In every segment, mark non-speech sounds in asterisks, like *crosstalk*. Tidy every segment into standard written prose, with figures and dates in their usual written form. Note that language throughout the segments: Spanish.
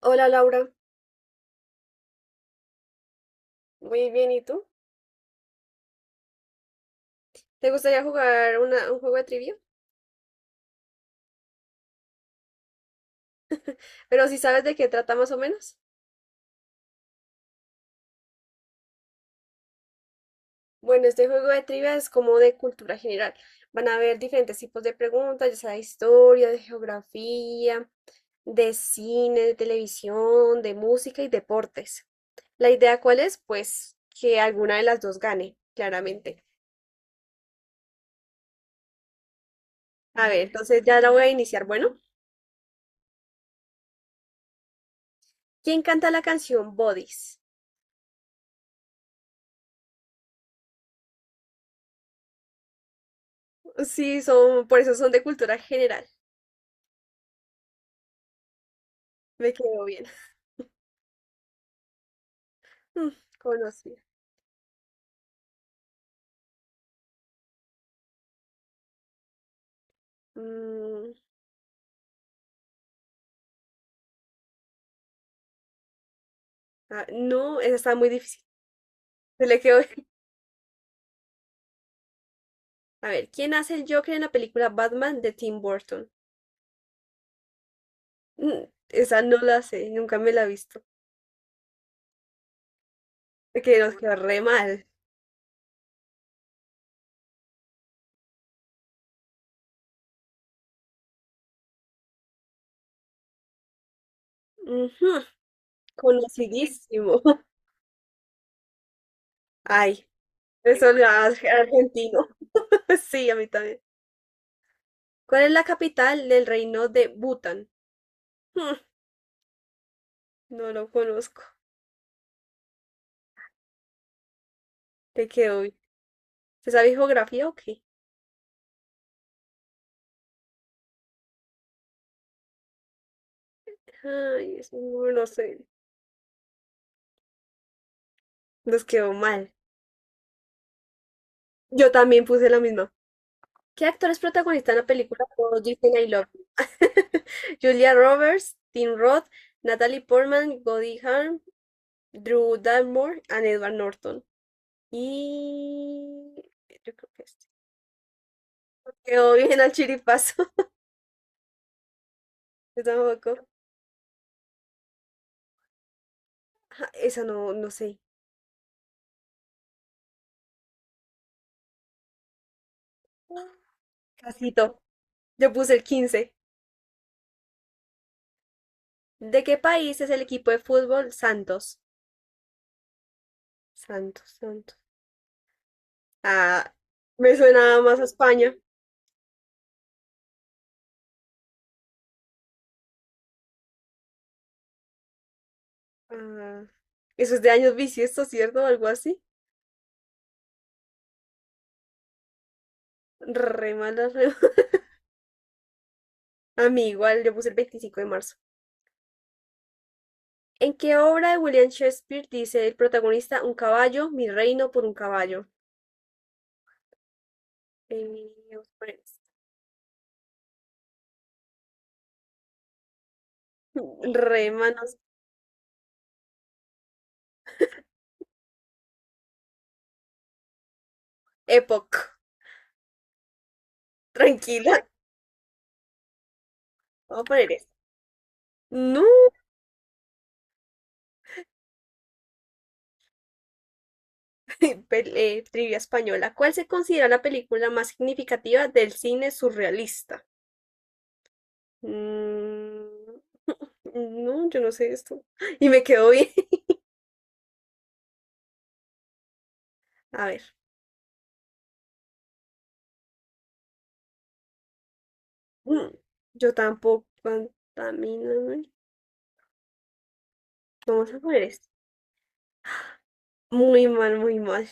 Hola Laura, muy bien, ¿y tú? ¿Te gustaría jugar un juego de trivia? Pero si sabes de qué trata más o menos. Bueno, este juego de trivia es como de cultura general. Van a haber diferentes tipos de preguntas, ya sea de historia, de geografía, de cine, de televisión, de música y deportes. ¿La idea cuál es? Pues que alguna de las dos gane, claramente. A ver, entonces ya la voy a iniciar. Bueno, ¿quién canta la canción Bodies? Sí, son, por eso son de cultura general. Me quedó bien. Mm, conocida. Mm, ah, no, esa está muy difícil. Se le quedó. *laughs* A ver, ¿quién hace el Joker en la película Batman de Tim Burton? Mm, esa no la sé, nunca me la he visto. Que nos quedó re mal. Ujú, conocidísimo. *laughs* Ay, eso lo hace argentino. *laughs* Sí, a mí también. ¿Cuál es la capital del reino de Bután? Mm, no lo conozco. Te quedó bien. ¿Se sabe geografía o qué? Ay, eso no lo sé. Nos quedó mal. Yo también puse la misma. ¿Qué actores protagonizan la película Todos dicen I love you? *laughs* Julia Roberts, Tim Roth, Natalie Portman, Goldie Hawn, Drew Barrymore and Edward Norton. Y yo creo que este. Quedó bien al chiripazo. *laughs* Yo tampoco. Ajá, esa no, no sé. Casito. Yo puse el 15. ¿De qué país es el equipo de fútbol Santos? Santos, Santos. Ah, me suena más a España. Ah, eso es de años bisiestos, ¿cierto? Algo así. Re mala, re mala. *laughs* A mí igual, yo puse el 25 de marzo. ¿En qué obra de William Shakespeare dice el protagonista un caballo, mi reino por un caballo? Vamos a poner esto. Re manos. Epoch. Tranquila. *laughs* Vamos a poner esto. No. *laughs* Trivia española. ¿Cuál se considera la película más significativa del cine surrealista? Mm, no, yo no sé esto. *laughs* Y me quedo bien. *laughs* A ver. Mm, yo tampoco. Contamina. Vamos a poner esto. Muy mal, muy mal.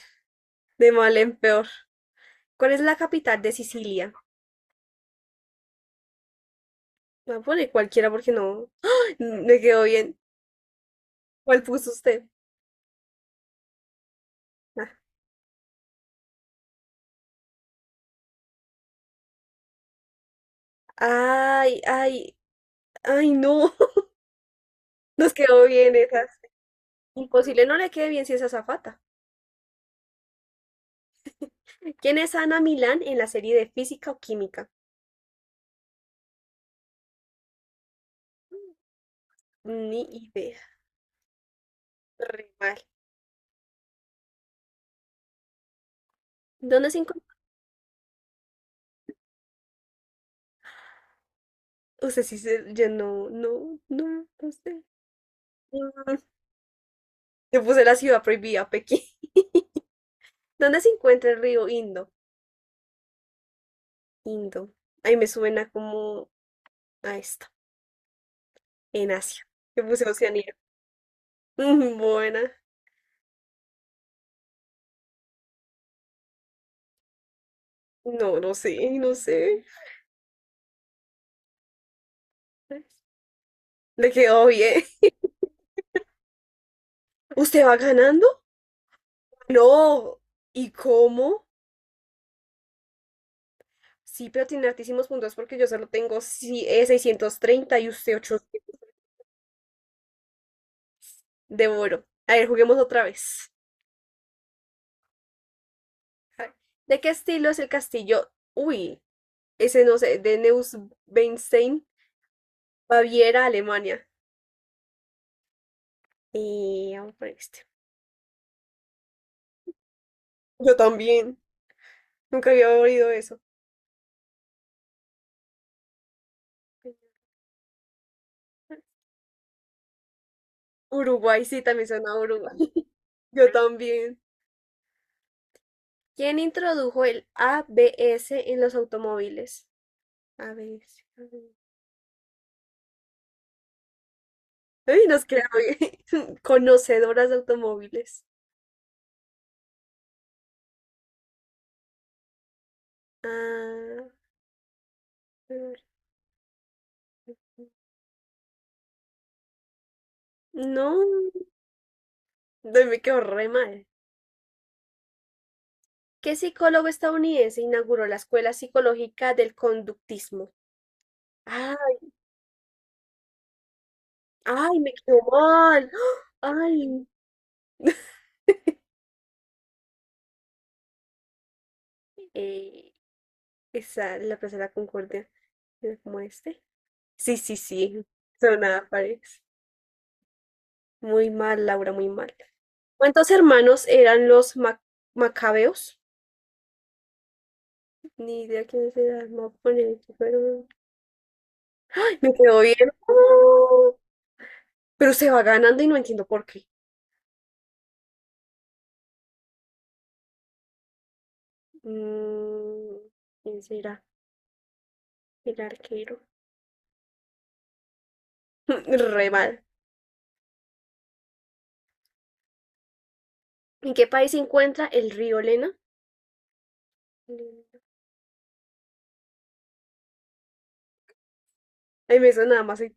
De mal en peor. ¿Cuál es la capital de Sicilia? Voy a poner cualquiera porque no. ¡Ah! Me quedó bien. ¿Cuál puso usted? Ah. Ay, ay, ay, no. *laughs* Nos quedó bien esas. Imposible no le quede bien si es azafata. ¿Quién es Ana Milán en la serie de física o química? Ni idea. Re mal. ¿Dónde se encuentra? Usted sí se. Yo no, no, no, no sé. Mm, yo puse la ciudad prohibida, Pekín. *laughs* ¿Dónde se encuentra el río Indo? Indo. Ahí me suena como a esta, en Asia, que puse Oceanía. *laughs* Mm, buena. No, no sé, no sé. Le quedó bien. *laughs* ¿Usted va ganando? No. ¿Y cómo? Sí, pero tiene altísimos puntos porque yo solo tengo 630 y usted 800. Devoro. A ver, juguemos otra vez. A ver, ¿de qué estilo es el castillo? Uy, ese no sé, de Neuschwanstein, Baviera, Alemania. Y vamos por este. Yo también. Nunca había oído eso. Uruguay, sí, también suena a Uruguay. *laughs* Yo también. ¿Quién introdujo el ABS en los automóviles? ABS. ABS. Ay, nos quedamos *laughs* conocedoras de automóviles. Ah, no. Ay, me quedó re mal. ¿Qué psicólogo estadounidense inauguró la Escuela Psicológica del Conductismo? Ay, ay, me quedó mal. *gasps* ¡Ah! Ay. *laughs* Eh, esa, la Plaza de la Concordia. Era como este. Sí, sí, sí. Sonaba París. Muy mal, Laura, muy mal. ¿Cuántos hermanos eran los macabeos? Ni idea quiénes eran. No, poner aquí, pero- ¡Ay! Me quedó bien. ¡Oh! Pero se va ganando y no entiendo por qué. Mm, ¿quién será? El arquero. *laughs* Re mal. ¿En qué país se encuentra el río Lena? Lena. Ay, me suena nada más.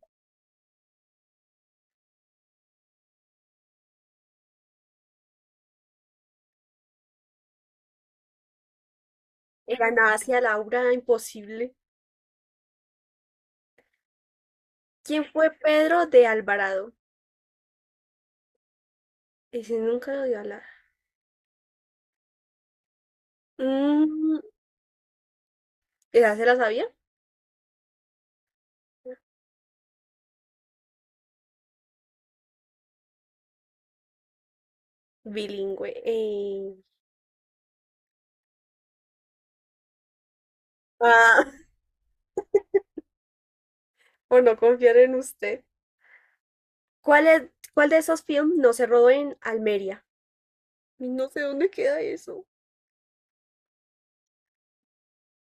Era en Asia, Laura, imposible. ¿Quién fue Pedro de Alvarado? Ese nunca lo dio a hablar. Mm, ¿esa se la sabía? Bilingüe. Ah, por no confiar en usted. ¿Cuál es, cuál de esos films no se rodó en Almería? No sé dónde queda eso.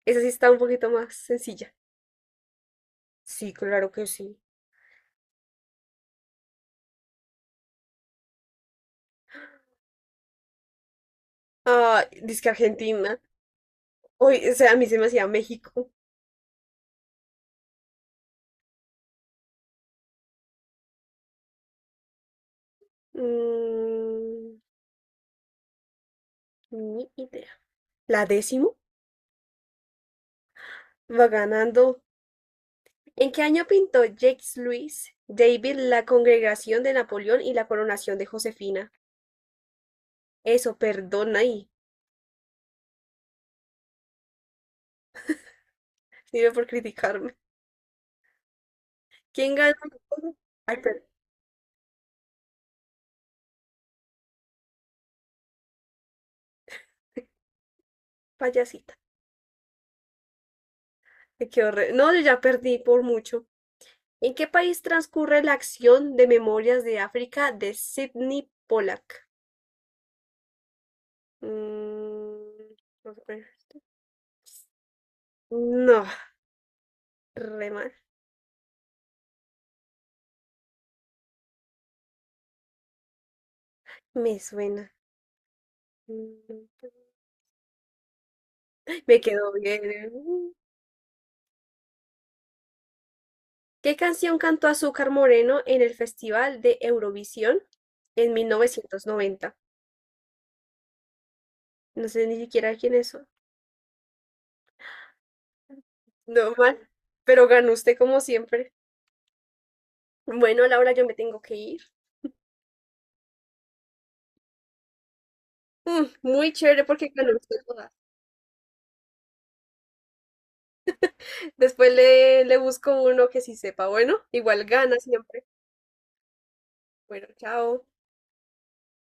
Esa sí está un poquito más sencilla. Sí, claro que sí. Ah, que Argentina. Uy, o sea, a mí se me hacía México. Mm, ni idea. ¿La décimo? Va ganando. ¿En qué año pintó Jacques-Louis David la Congregación de Napoleón y la coronación de Josefina? Eso, perdona ahí. Sirve por criticarme. ¿Quién ganó? Ay, per- payasita. Me quedo re- No, yo ya perdí por mucho. ¿En qué país transcurre la acción de Memorias de África de Sidney Pollack? Mm, no, sé cuál es. No, re mal. Me suena. Mm, me quedó bien. ¿Eh? ¿Qué canción cantó Azúcar Moreno en el Festival de Eurovisión en 1990? No sé ni siquiera quién es. Eso. No mal, pero ganó usted como siempre. Bueno, Laura, yo me tengo que ir. Mm, muy chévere porque ganó usted todas. Después le, le busco uno que sí sepa. Bueno, igual gana siempre. Bueno, chao.